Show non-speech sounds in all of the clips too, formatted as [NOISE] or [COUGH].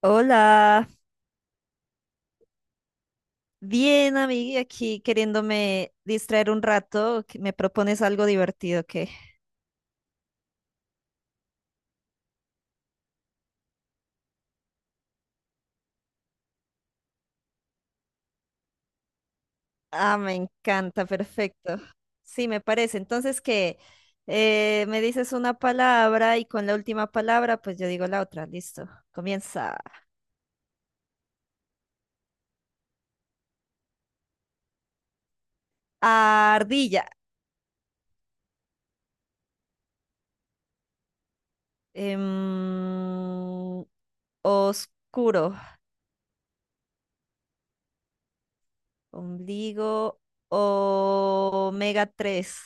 Hola, bien amiga, aquí queriéndome distraer un rato, que me propones algo divertido que... Ah, me encanta, perfecto. Sí, me parece. Entonces que me dices una palabra y con la última palabra, pues yo digo la otra, listo. Comienza. Ardilla. Em, Oscuro. Ombligo. Omega 3.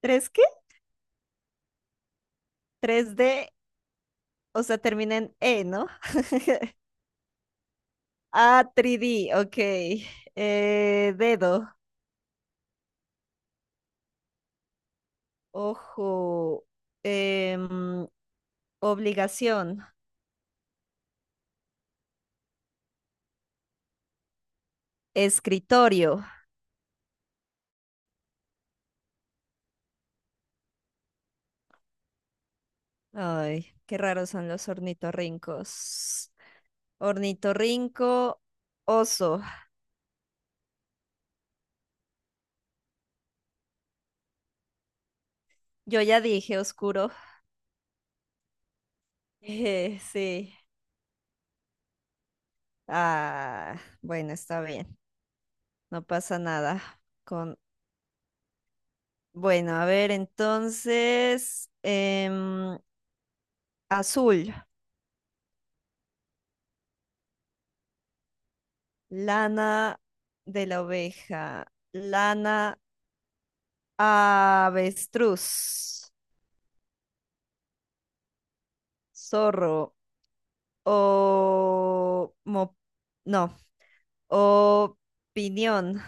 ¿Tres qué? Tres d. O sea, termina en E, ¿no? Ah, 3D, ok. Dedo, ojo, em, obligación, escritorio. Ay, qué raros son los ornitorrincos. Ornitorrinco, oso. Yo ya dije oscuro. [LAUGHS] Sí. Ah, bueno, está bien. No pasa nada. Con... Bueno, a ver, entonces, azul. Lana de la oveja, lana avestruz, zorro, o mo- no, opinión,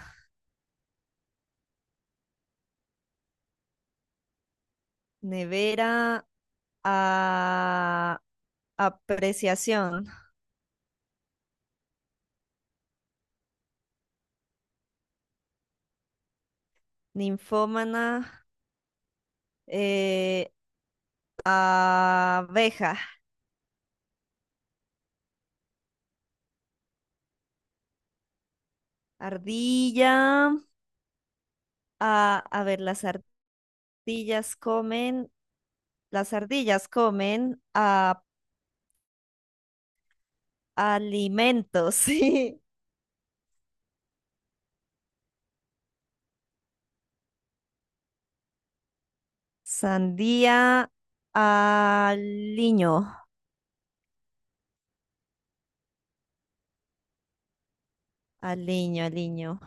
nevera, a- apreciación, ninfómana, eh, abeja, ardilla, a ver, las ardillas comen a. Alimentos, [LAUGHS] sí. Sandía, aliño, aliño.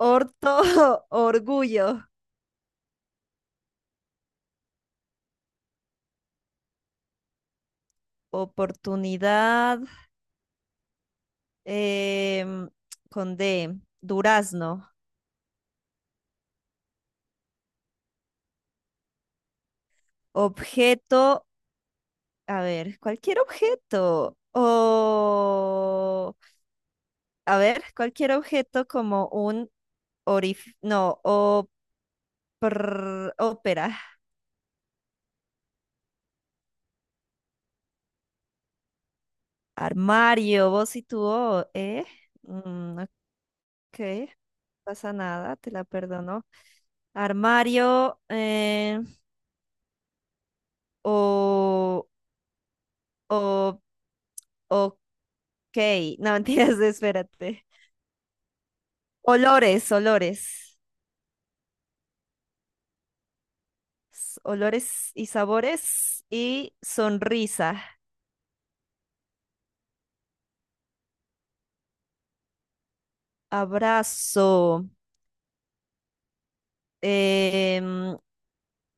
Orto, [LAUGHS] orgullo, oportunidad, em, con D, durazno, objeto, a ver, cualquier objeto, o, a ver, cualquier objeto como un no, o, ópera, armario, vos y tu O, ¿eh? Mm, ok, no pasa nada, te la perdono. Armario, o, o, ok, no mentiras, [LAUGHS] espérate. Olores, olores y sabores y sonrisa, abrazo, em,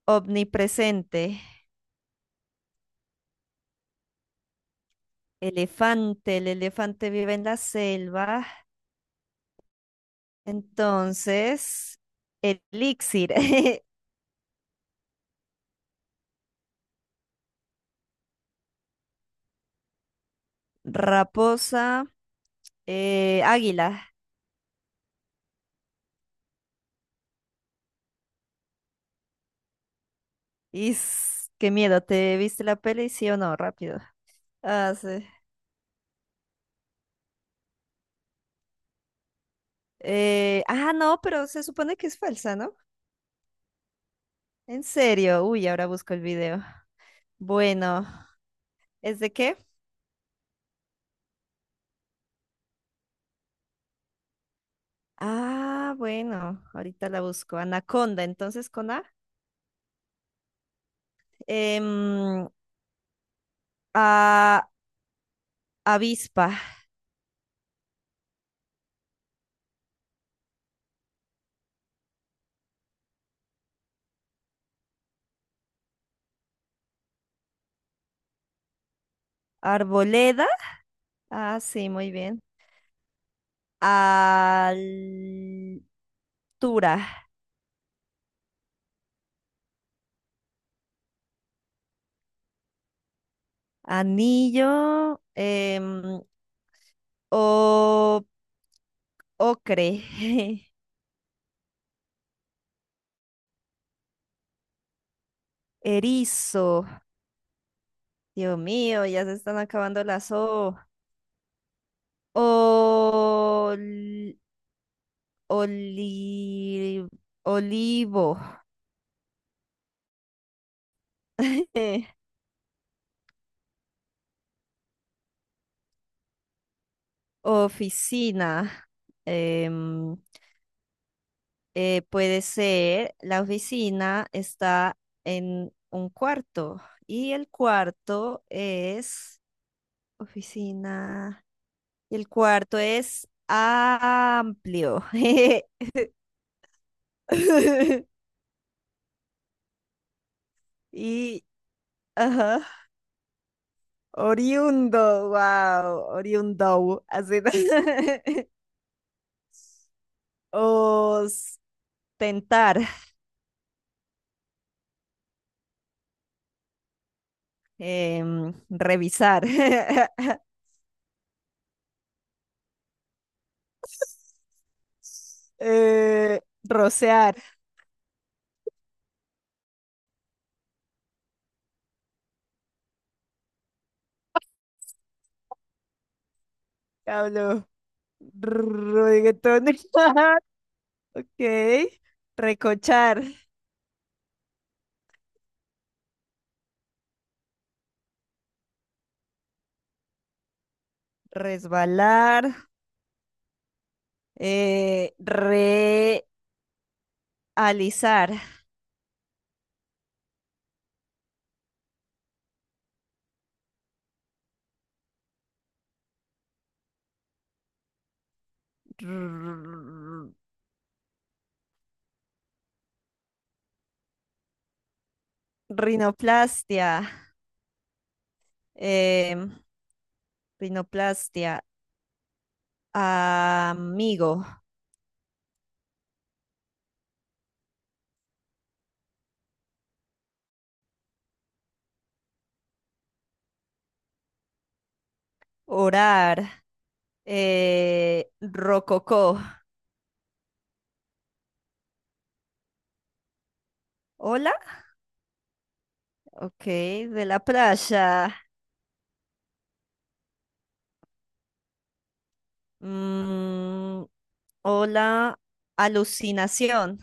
omnipresente, elefante, el elefante vive en la selva. Entonces, elixir, [LAUGHS] raposa, águila. Is, qué miedo, ¿te viste la peli? Sí o no, rápido. Ah, sí. No, pero se supone que es falsa, ¿no? En serio, uy, ahora busco el video. Bueno, ¿es de qué? Ah, bueno, ahorita la busco. Anaconda, entonces con A. Em, a- avispa, arboleda. Ah, sí, muy bien. Altura. Anillo. O, ocre. [LAUGHS] Erizo. Dios mío, ya se están acabando las O. Ol- oli- olivo. [LAUGHS] Oficina. em, puede ser, la oficina está en un cuarto y el cuarto es oficina y el cuarto es amplio. [LAUGHS] Y, ajá, oriundo, wow, oriundo, así. [LAUGHS] Ostentar, revisar, [LAUGHS] rocear, hablo. Reggaetón. [LAUGHS] Ok. Recochar. Resbalar. Realizar. r- Rinoplastia. em, Rinoplastia. Amigo. Orar. Rococó. Hola. Ok. De la playa. Mm, hola. Alucinación.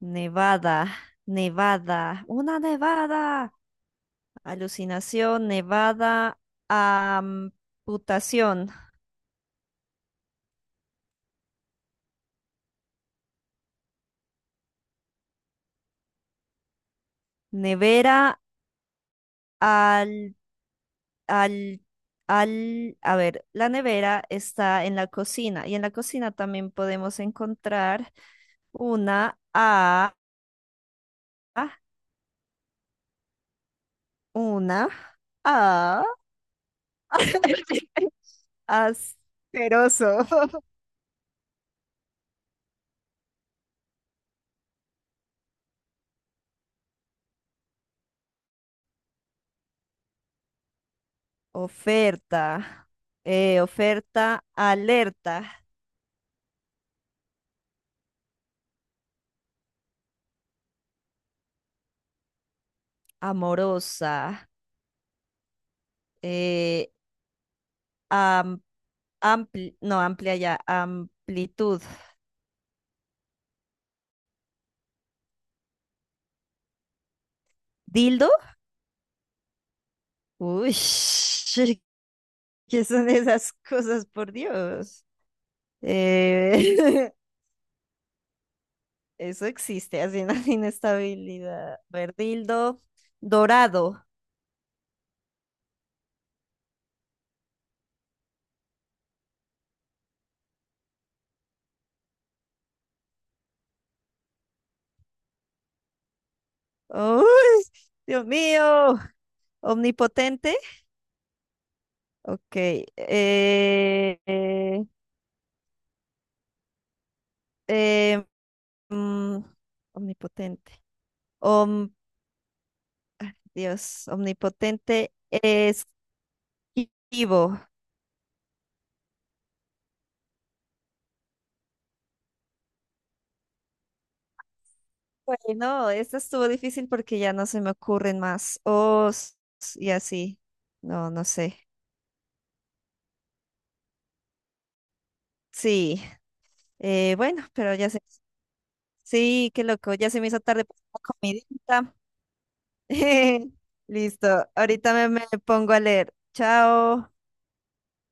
Nevada, una nevada, alucinación, nevada, amputación, nevera, al, al, al, a ver, la nevera está en la cocina y en la cocina también podemos encontrar una A, una A, [LAUGHS] asqueroso, oferta, oferta, alerta, amorosa. eh, am- no, amplia ya, amplitud. ¿Dildo? Uy, [LAUGHS] ¿qué son esas cosas, por Dios? Eh, [LAUGHS] eso existe, así una inestabilidad. A ver, dildo dorado. Uy, Dios mío, omnipotente. Ok, eh, eh, mm, omnipotente. Om, Dios, omnipotente es vivo. Bueno, esta estuvo difícil porque ya no se me ocurren más os y así. No, no sé. Sí, bueno, pero ya sé. Sí, qué loco, ya se me hizo tarde por la comidita. [LAUGHS] Listo, ahorita me pongo a leer. Chao.